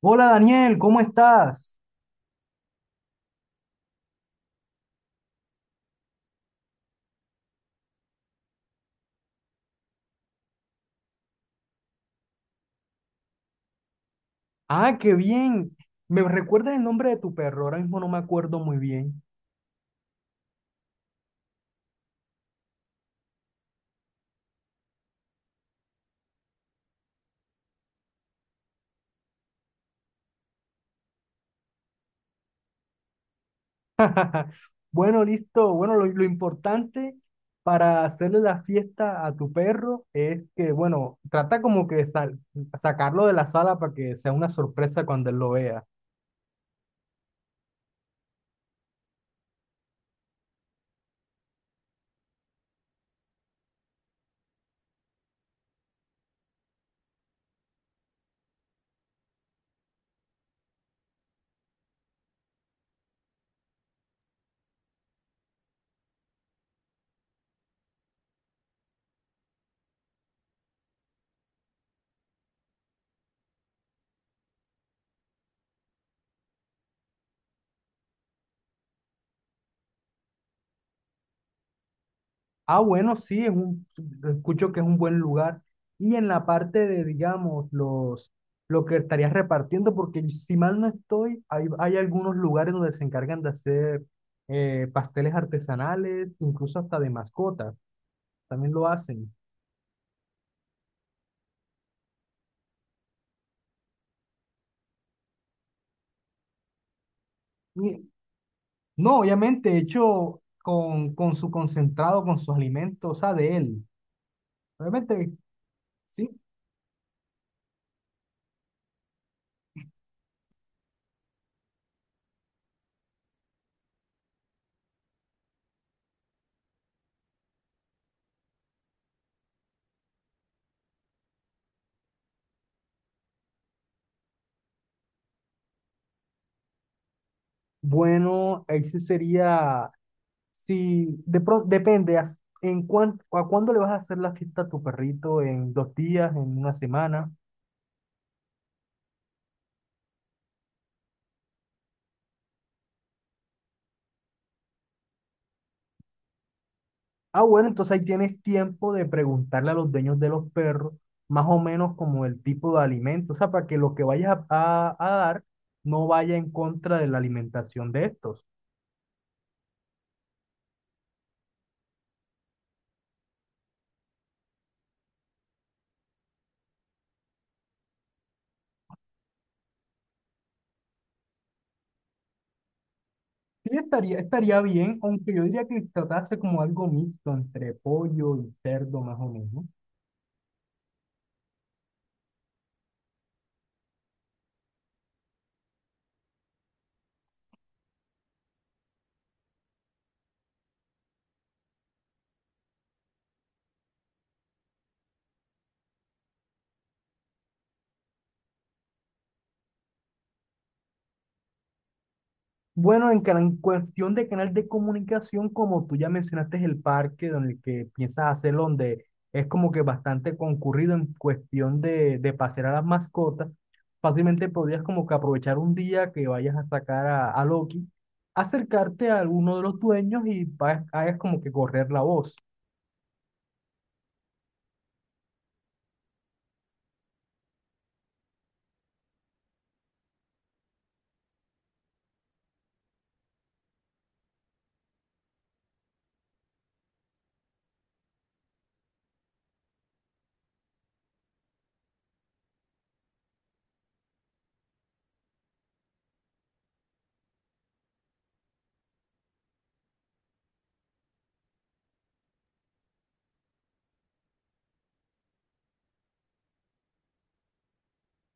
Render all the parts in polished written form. Hola Daniel, ¿cómo estás? Ah, qué bien. ¿Me recuerdas el nombre de tu perro? Ahora mismo no me acuerdo muy bien. Bueno, listo. Bueno, lo importante para hacerle la fiesta a tu perro es que, bueno, trata como que sacarlo de la sala para que sea una sorpresa cuando él lo vea. Ah, bueno, sí, escucho que es un buen lugar. Y en la parte de, digamos, los, lo que estarías repartiendo, porque si mal no estoy, hay algunos lugares donde se encargan de hacer pasteles artesanales, incluso hasta de mascotas, también lo hacen. Y- no, obviamente hecho con su concentrado, con sus alimentos, o sea, de él. Obviamente, sí. Bueno, ahí sí sería. Si de pronto depende a cuándo le vas a hacer la fiesta a tu perrito, en 2 días, en una semana. Ah, bueno, entonces ahí tienes tiempo de preguntarle a los dueños de los perros más o menos como el tipo de alimento, o sea, para que lo que vayas a dar no vaya en contra de la alimentación de estos. Sí, estaría bien, aunque yo diría que tratase como algo mixto entre pollo y cerdo más o menos. Bueno, en cuestión de canal de comunicación, como tú ya mencionaste, el parque donde el que piensas hacerlo, donde es como que bastante concurrido en cuestión de pasear a las mascotas, fácilmente podrías como que aprovechar un día que vayas a sacar a Loki, acercarte a alguno de los dueños y hagas como que correr la voz.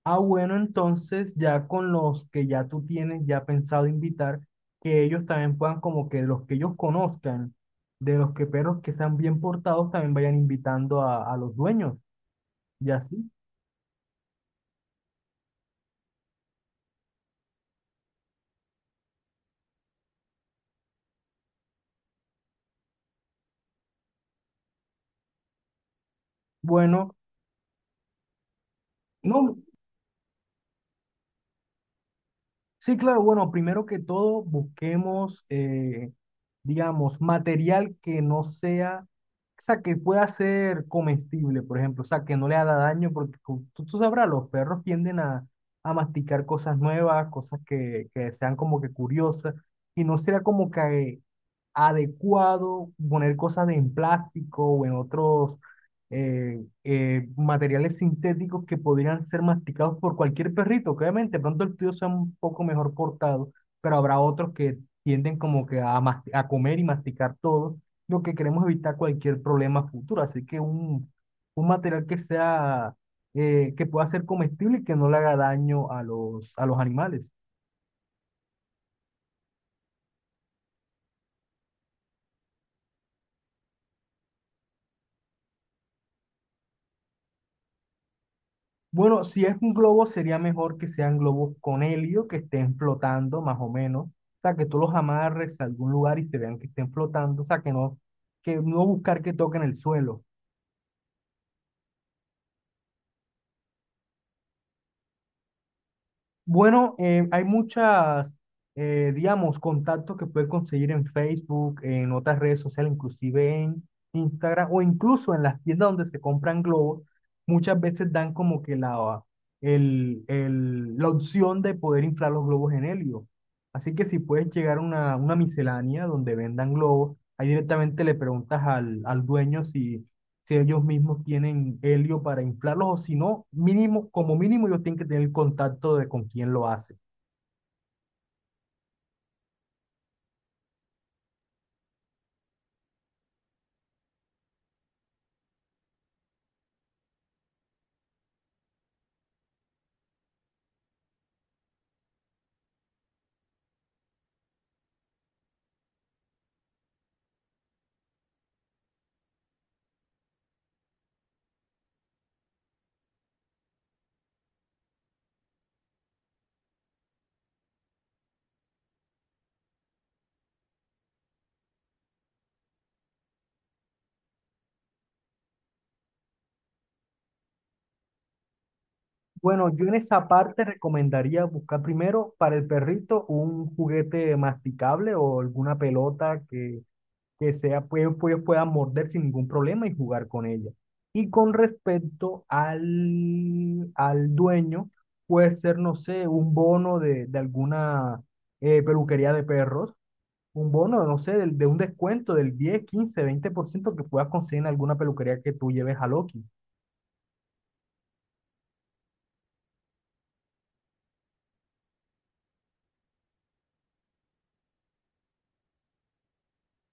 Ah, bueno, entonces ya con los que ya tú tienes ya pensado invitar, que ellos también puedan como que los que ellos conozcan, de los que perros que sean bien portados, también vayan invitando a los dueños y así. Bueno, no. Sí, claro, bueno, primero que todo busquemos, digamos, material que no sea, o sea, que pueda ser comestible, por ejemplo, o sea, que no le haga daño, porque tú sabrás, los perros tienden a masticar cosas nuevas, cosas que sean como que curiosas, y no será como que adecuado poner cosas en plástico o en otros materiales sintéticos que podrían ser masticados por cualquier perrito, que obviamente pronto el tuyo sea un poco mejor portado, pero habrá otros que tienden como que a, a comer y masticar todo, lo que queremos evitar cualquier problema futuro, así que un material que sea, que pueda ser comestible y que no le haga daño a a los animales. Bueno, si es un globo, sería mejor que sean globos con helio, que estén flotando más o menos. O sea, que tú los amarres a algún lugar y se vean que estén flotando. O sea, que no buscar que toquen el suelo. Bueno, hay muchas, digamos, contactos que puedes conseguir en Facebook, en otras redes sociales, inclusive en Instagram o incluso en las tiendas donde se compran globos. Muchas veces dan como que la, la opción de poder inflar los globos en helio. Así que si puedes llegar a una miscelánea donde vendan globos, ahí directamente le preguntas al, al dueño si ellos mismos tienen helio para inflarlos o si no, mínimo, como mínimo ellos tienen que tener el contacto de con quién lo hace. Bueno, yo en esa parte recomendaría buscar primero para el perrito un juguete masticable o alguna pelota que sea, pues, ellos puedan morder sin ningún problema y jugar con ella. Y con respecto al, al dueño, puede ser, no sé, un bono de alguna peluquería de perros, un bono, no sé, un descuento del 10, 15, 20% que puedas conseguir en alguna peluquería que tú lleves a Loki.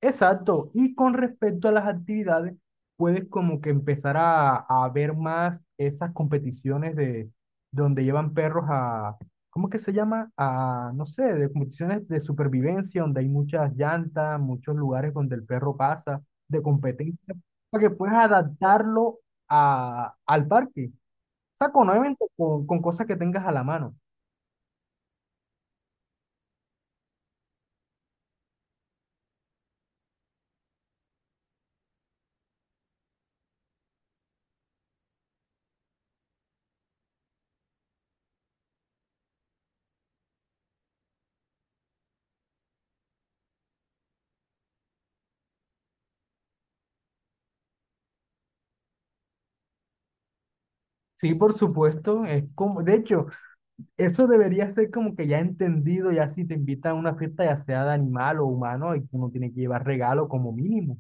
Exacto. Y con respecto a las actividades, puedes como que empezar a ver más esas competiciones de donde llevan perros a, ¿cómo que se llama? A, no sé, de competiciones de supervivencia, donde hay muchas llantas, muchos lugares donde el perro pasa, de competencia, para que puedas adaptarlo a, al parque. O sea, con, obviamente, con cosas que tengas a la mano. Sí, por supuesto, es como, de hecho, eso debería ser como que ya entendido, ya si te invitan a una fiesta, ya sea de animal o humano, y uno tiene que llevar regalo como mínimo.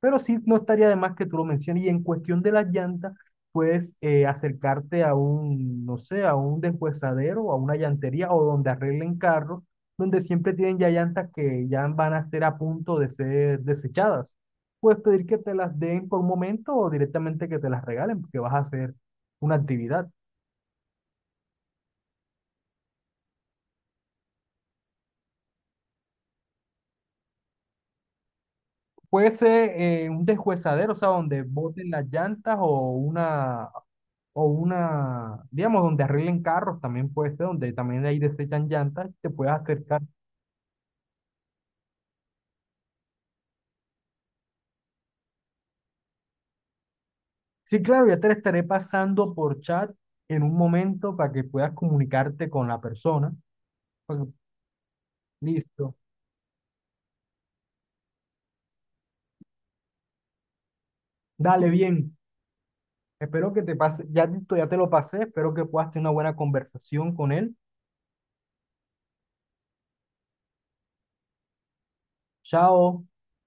Pero sí, no estaría de más que tú lo menciones. Y en cuestión de las llantas, puedes acercarte a un, no sé, a un deshuesadero, a una llantería o donde arreglen carros, donde siempre tienen ya llantas que ya van a estar a punto de ser desechadas. Puedes pedir que te las den por un momento o directamente que te las regalen, porque vas a hacer una actividad. Fuese un deshuesadero, o sea, donde boten las llantas o una, digamos, donde arreglen carros, también puede ser, donde también ahí desechan llantas, te puedes acercar. Sí, claro, ya te la estaré pasando por chat en un momento para que puedas comunicarte con la persona. Pues, listo, dale bien. Espero que te pase, ya, ya te lo pasé, espero que puedas tener una buena conversación con él. Chao.